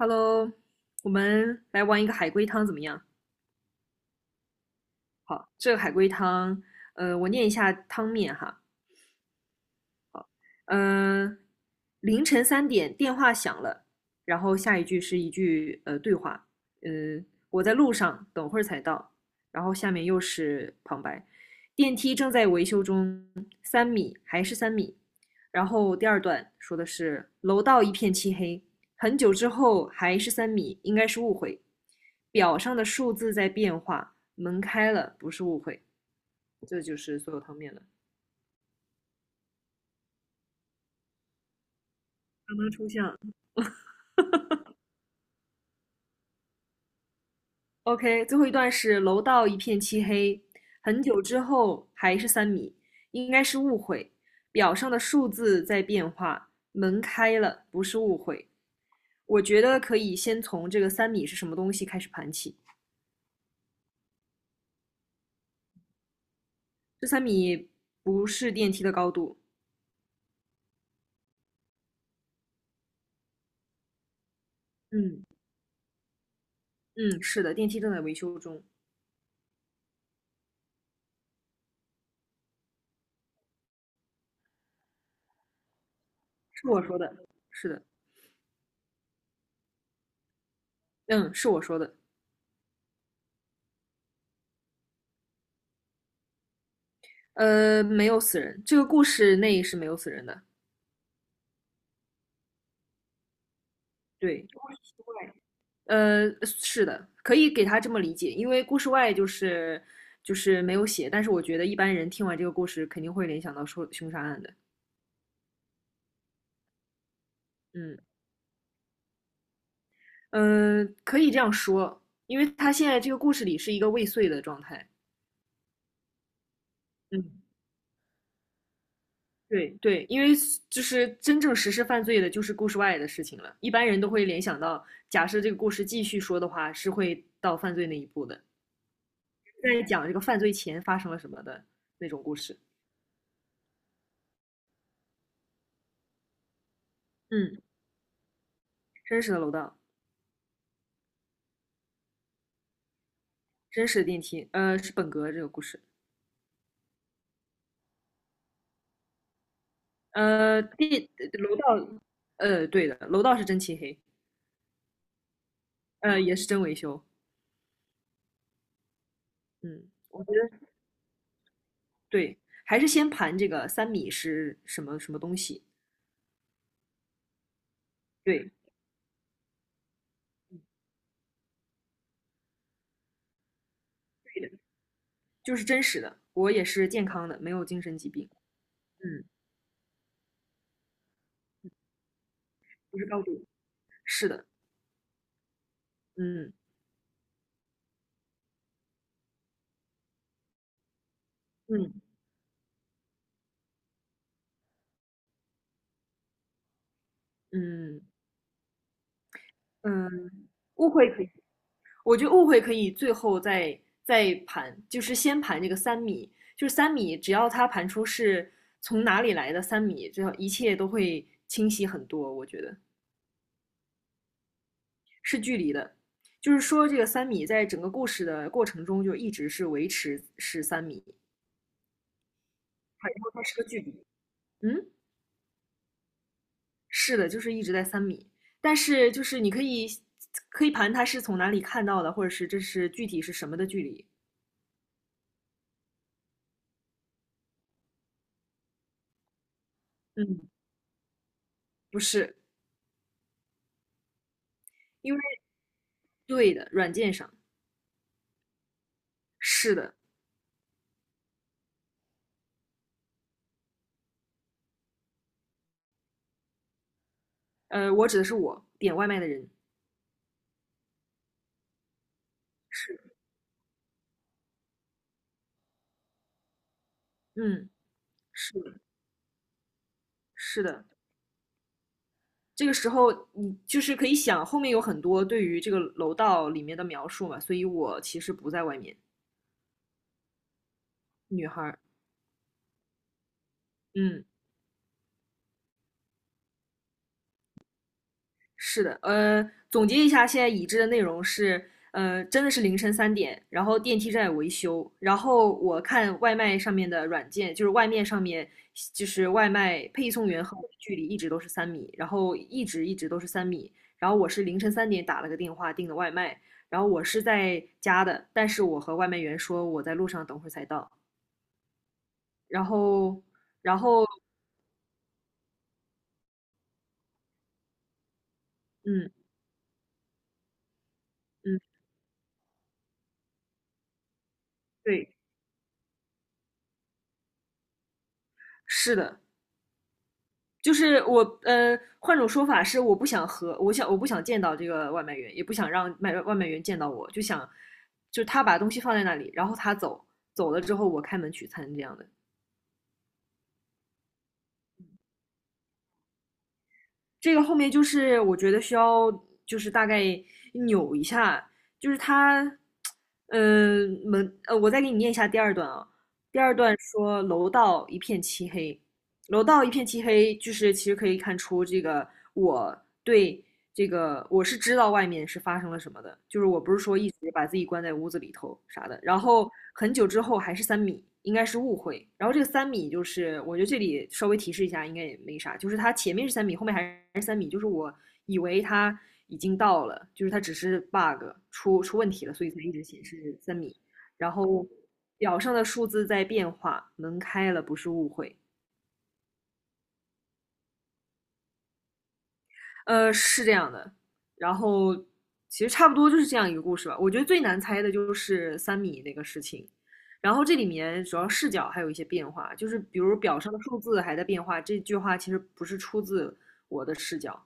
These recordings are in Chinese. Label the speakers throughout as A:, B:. A: Hello，我们来玩一个海龟汤怎么样？好，这个海龟汤，我念一下汤面哈。嗯，凌晨三点电话响了，然后下一句是一句对话，嗯，我在路上，等会儿才到。然后下面又是旁白，电梯正在维修中，三米还是三米。然后第二段说的是楼道一片漆黑，很久之后还是三米，应该是误会。表上的数字在变化，门开了不是误会，这就是所有汤面了。刚刚抽象。OK,最后一段是楼道一片漆黑，很久之后还是三米，应该是误会。表上的数字在变化，门开了，不是误会。我觉得可以先从这个三米是什么东西开始盘起。这三米不是电梯的高度。嗯嗯，是的，电梯正在维修中，是我说的，是的，嗯，是我说的。没有死人，这个故事内是没有死人的。对，是的，可以给他这么理解，因为故事外就是没有写，但是我觉得一般人听完这个故事肯定会联想到说凶杀案的。嗯嗯、可以这样说，因为他现在这个故事里是一个未遂的状态。嗯，对对，因为就是真正实施犯罪的就是故事外的事情了，一般人都会联想到，假设这个故事继续说的话，是会到犯罪那一步的，在讲这个犯罪前发生了什么的那种故事。嗯，真实的楼道。真实的电梯，是本格这个故事，呃，地楼道，对的，楼道是真漆黑，也是真维修。嗯，我觉得对，还是先盘这个三米是什么什么东西。对，对的，就是真实的，我也是健康的，没有精神疾病。嗯，不是高度，是的，嗯嗯嗯嗯，误会可以，我觉得误会可以最后再盘，就是先盘这个三米，就是三米，只要它盘出是从哪里来的三米，这一切都会清晰很多。我觉得的，就是说这个三米在整个故事的过程中就一直是维持是三米，然后它是个距离。嗯，是的，就是一直在三米，但是就是你可以盘它是从哪里看到的，或者是这是具体是什么的距离。嗯，不是，因为对的，软件上。是的，我指的是我点外卖的人。是，嗯，是的，是的。这个时候，你就是可以想后面有很多对于这个楼道里面的描述嘛，所以我其实不在外面。女孩儿，嗯。是的，总结一下，现在已知的内容是，真的是凌晨三点，然后电梯正在维修，然后我看外卖上面的软件，就是外面上面，就是外卖配送员和我的距离一直都是三米，然后一直一直都是三米，然后我是凌晨三点打了个电话订的外卖，然后我是在家的，但是我和外卖员说我在路上，等会儿才到，然后，然后，嗯嗯，对，是的。就是我换种说法是，我不想见到这个外卖员，也不想让卖外卖员见到我，就想就他把东西放在那里，然后他走了之后，我开门取餐这样的。这个后面就是我觉得需要就是大概扭一下，就是他嗯、呃门呃，我再给你念一下第二段啊。第二段说楼道一片漆黑，楼道一片漆黑，就是其实可以看出这个我对这个我是知道外面是发生了什么的，就是我不是说一直把自己关在屋子里头啥的。然后很久之后还是三米，应该是误会。然后这个三米就是，我觉得这里稍微提示一下，应该也没啥，就是它前面是三米，后面还是三米，就是我以为它已经到了，就是它只是 bug 出问题了，所以才一直显示三米。然后表上的数字在变化，门开了不是误会。是这样的。然后其实差不多就是这样一个故事吧。我觉得最难猜的就是三米那个事情。然后这里面主要视角还有一些变化，就是比如表上的数字还在变化。这句话其实不是出自我的视角，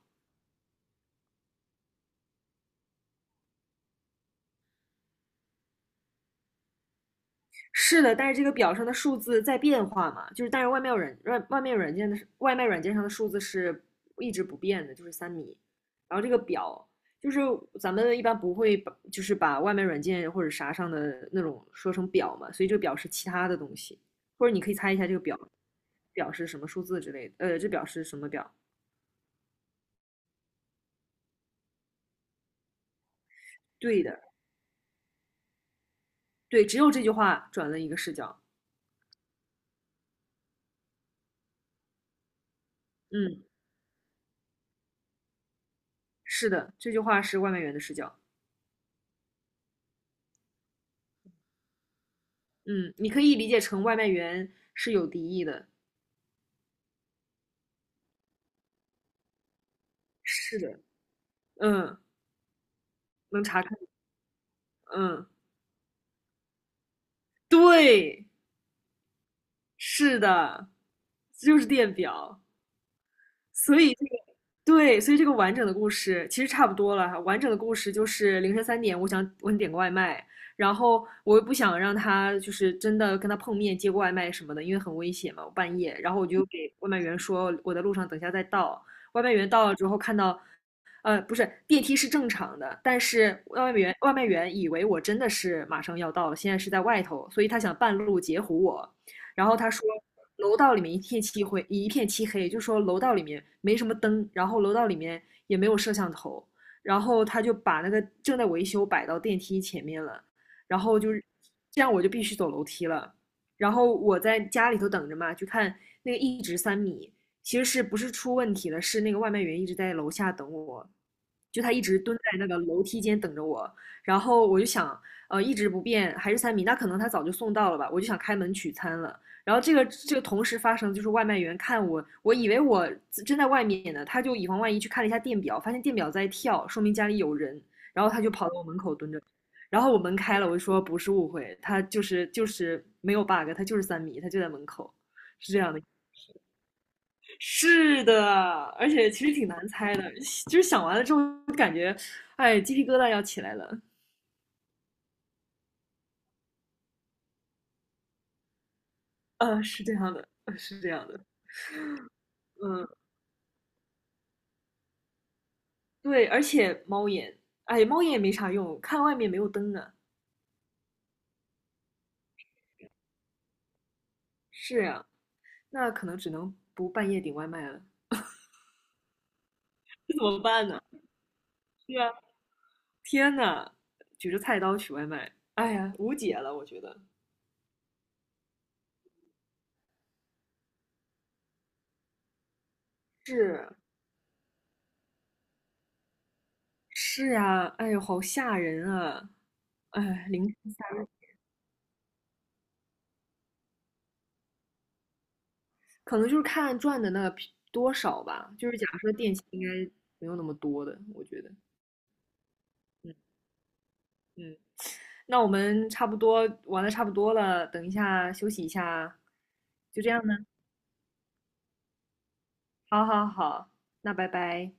A: 是的，但是这个表上的数字在变化嘛，就是但是外卖软外外卖软件的外卖软件上的数字是一直不变的，就是三米。然后这个表就是咱们一般不会把就是把外卖软件或者啥上的那种说成表嘛，所以这个表是其他的东西，或者你可以猜一下这个表表示什么数字之类的，这表示什么表？对的，对，只有这句话转了一个视角。嗯，是的，这句话是外卖员的视角。嗯，你可以理解成外卖员是有敌意的。是的，嗯，能查看，嗯，对，是的，就是电表。所以这个对，所以这个完整的故事其实差不多了哈，完整的故事就是凌晨三点，我想点个外卖，然后我又不想让他就是真的跟他碰面接个外卖什么的，因为很危险嘛，我半夜。然后我就给外卖员说我在路上，等一下再到。外卖员到了之后看到，不是，电梯是正常的，但是外卖员以为我真的是马上要到了，现在是在外头，所以他想半路截胡我。然后他说楼道里面一片漆黑，就说楼道里面没什么灯，然后楼道里面也没有摄像头，然后他就把那个正在维修摆到电梯前面了，然后就是这样我就必须走楼梯了，然后我在家里头等着嘛，就看那个一直三米。其实是不是出问题了？是那个外卖员一直在楼下等我，就他一直蹲在那个楼梯间等着我。然后我就想，一直不变还是三米，那可能他早就送到了吧？我就想开门取餐了。然后这个同时发生，就是外卖员看我，我以为我正在外面呢，他就以防万一去看了一下电表，发现电表在跳，说明家里有人，然后他就跑到我门口蹲着，然后我门开了，我就说不是误会，他就是没有 bug,他就是三米，他就在门口，是这样的，是的，而且其实挺难猜的，就是想完了之后感觉，哎，鸡皮疙瘩要起来了，是这样的，是这样的是这样的。嗯，对，而且猫眼，哎，猫眼也没啥用，看外面没有灯啊。是呀，那可能只能不半夜点外卖了。这怎么办呢？对啊，天呐，举着菜刀取外卖，哎呀，无解了，我觉得。是是呀，哎呦，好吓人啊！哎，零食吓人可能就是看赚的那个比多少吧。就是假设电器应该没有那么多的，我觉得。嗯嗯，那我们差不多玩的差不多了，等一下休息一下啊，就这样呢。好好好，那拜拜。